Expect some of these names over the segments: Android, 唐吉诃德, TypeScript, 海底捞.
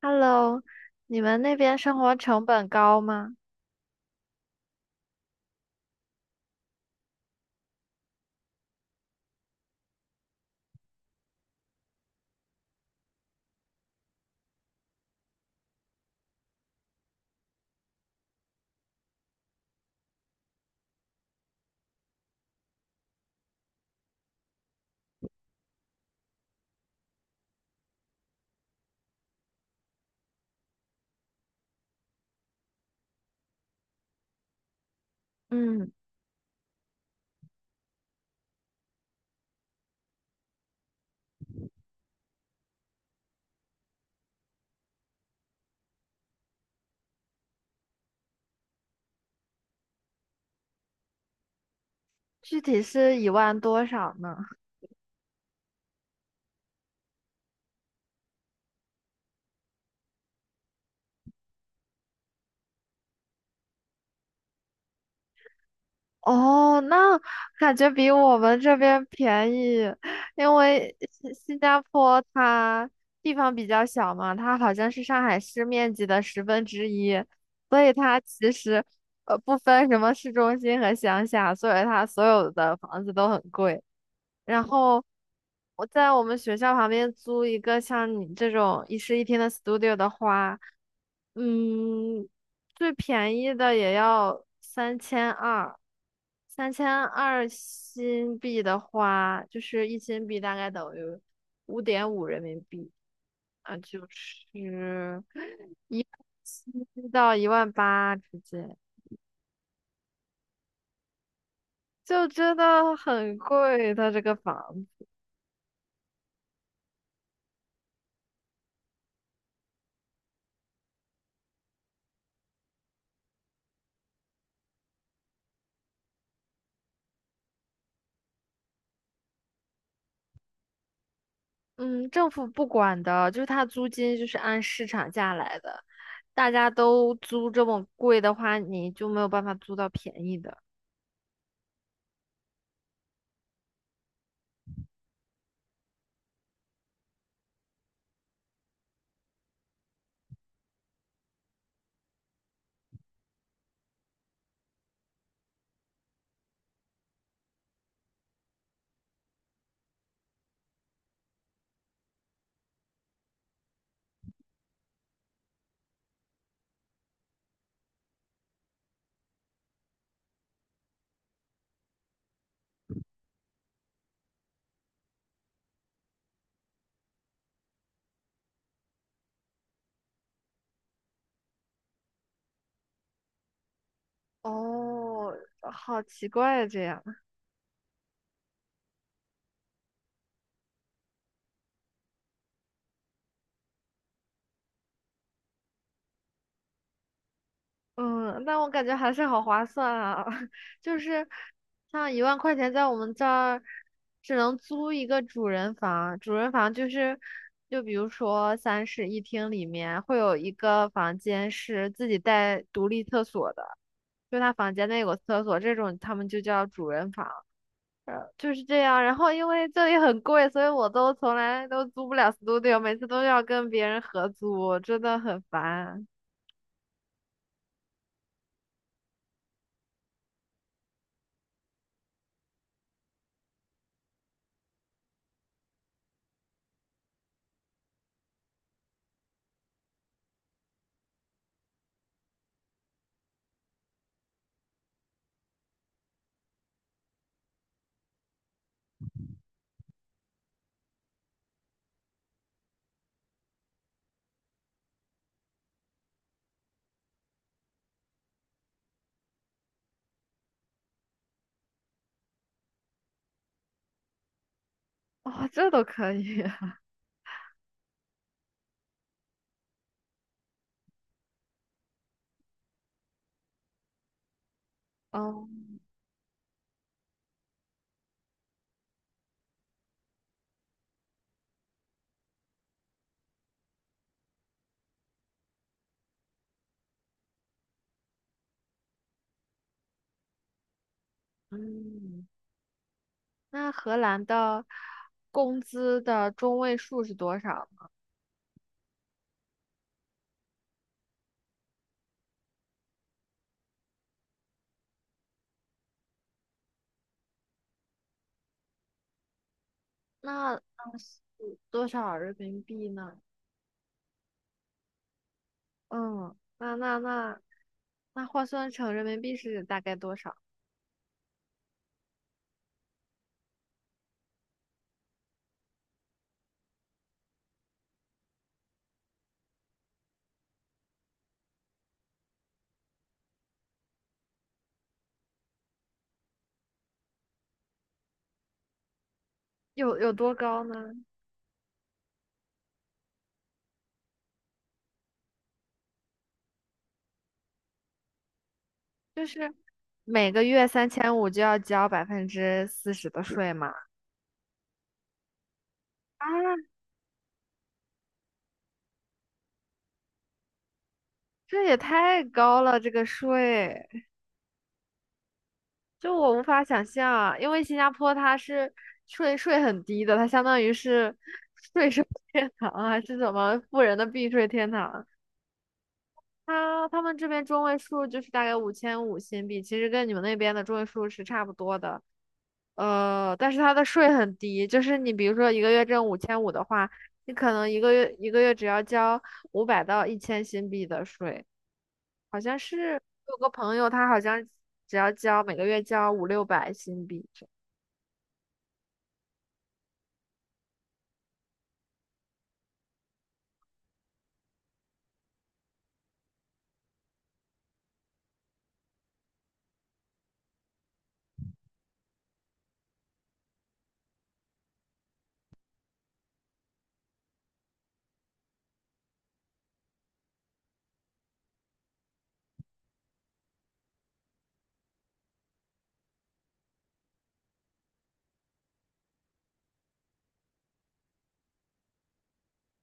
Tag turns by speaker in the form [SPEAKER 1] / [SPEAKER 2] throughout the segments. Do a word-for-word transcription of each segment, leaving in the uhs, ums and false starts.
[SPEAKER 1] Hello，你们那边生活成本高吗？嗯，具体是一万多少呢？哦，那感觉比我们这边便宜，因为新新加坡它地方比较小嘛，它好像是上海市面积的十分之一，所以它其实呃不分什么市中心和乡下，所以它所有的房子都很贵。然后我在我们学校旁边租一个像你这种一室一厅的 studio 的话，嗯，最便宜的也要三千二，三千二新币的话，就是一新币大概等于五点五人民币啊，就是一万七到一万八之间，就真的很贵。它这个房子，嗯，政府不管的，就是它租金就是按市场价来的，大家都租这么贵的话，你就没有办法租到便宜的。哦，好奇怪这样。嗯，但我感觉还是好划算啊，就是像一万块钱在我们这儿只能租一个主人房，主人房就是就比如说三室一厅里面会有一个房间是自己带独立厕所的，就他房间内有个厕所，这种他们就叫主人房。呃就是这样。然后因为这里很贵，所以我都从来都租不了 studio，每次都要跟别人合租，真的很烦。哦，这都可以。哦，嗯，那荷兰的工资的中位数是多少？那那是多少人民币呢？嗯，那那那那换算成人民币是大概多少？有有多高呢？就是每个月三千五就要交百分之四十的税嘛。啊，这也太高了，这个税，就我无法想象，因为新加坡它是税税很低的，它相当于是税收 天堂还是什么富人的避税天堂。它他们这边中位数就是大概五千五新币，其实跟你们那边的中位数是差不多的。呃，但是它的税很低，就是你比如说一个月挣五千五的话，你可能一个月一个月只要交五百到一千新币的税。好像是有个朋友，他好像只要交每个月交五六百新币这样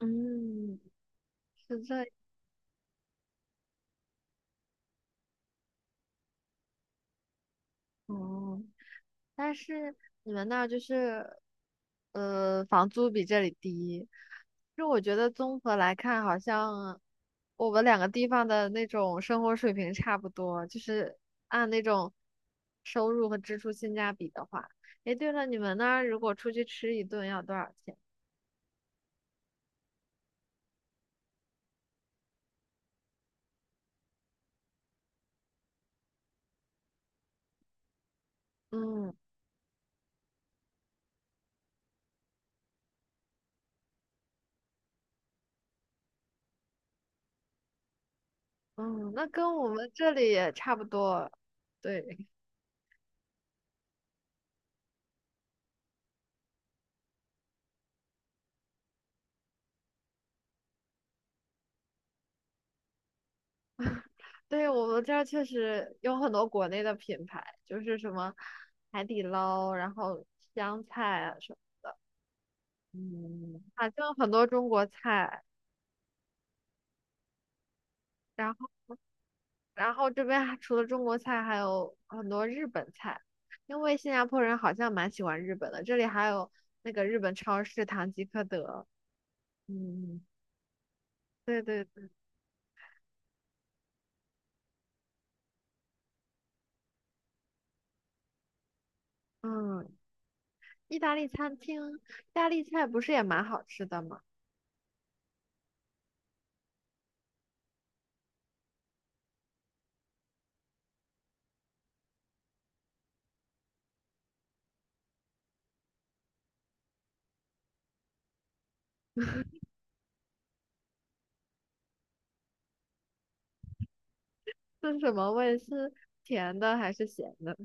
[SPEAKER 1] 嗯，是这样。哦，但是你们那儿就是呃房租比这里低，就我觉得综合来看，好像我们两个地方的那种生活水平差不多，就是按那种收入和支出性价比的话。诶，对了，你们那儿如果出去吃一顿要多少钱？嗯。嗯，那跟我们这里也差不多。对，对，我们这儿确实有很多国内的品牌，就是什么海底捞，然后湘菜啊什么，嗯，反正很多中国菜。然后，然后这边还除了中国菜，还有很多日本菜，因为新加坡人好像蛮喜欢日本的。这里还有那个日本超市唐吉诃德。嗯，对对对，嗯，意大利餐厅，意大利菜不是也蛮好吃的吗？是什么味？是甜的还是咸的？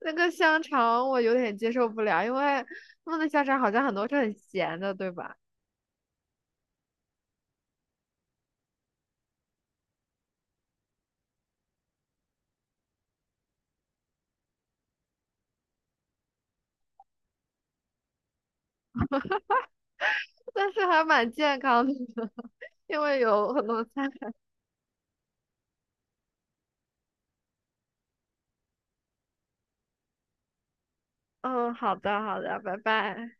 [SPEAKER 1] 那个香肠我有点接受不了，因为他们的香肠好像很多是很咸的，对吧？但是还蛮健康的，因为有很多菜。嗯，好的，好的，拜拜。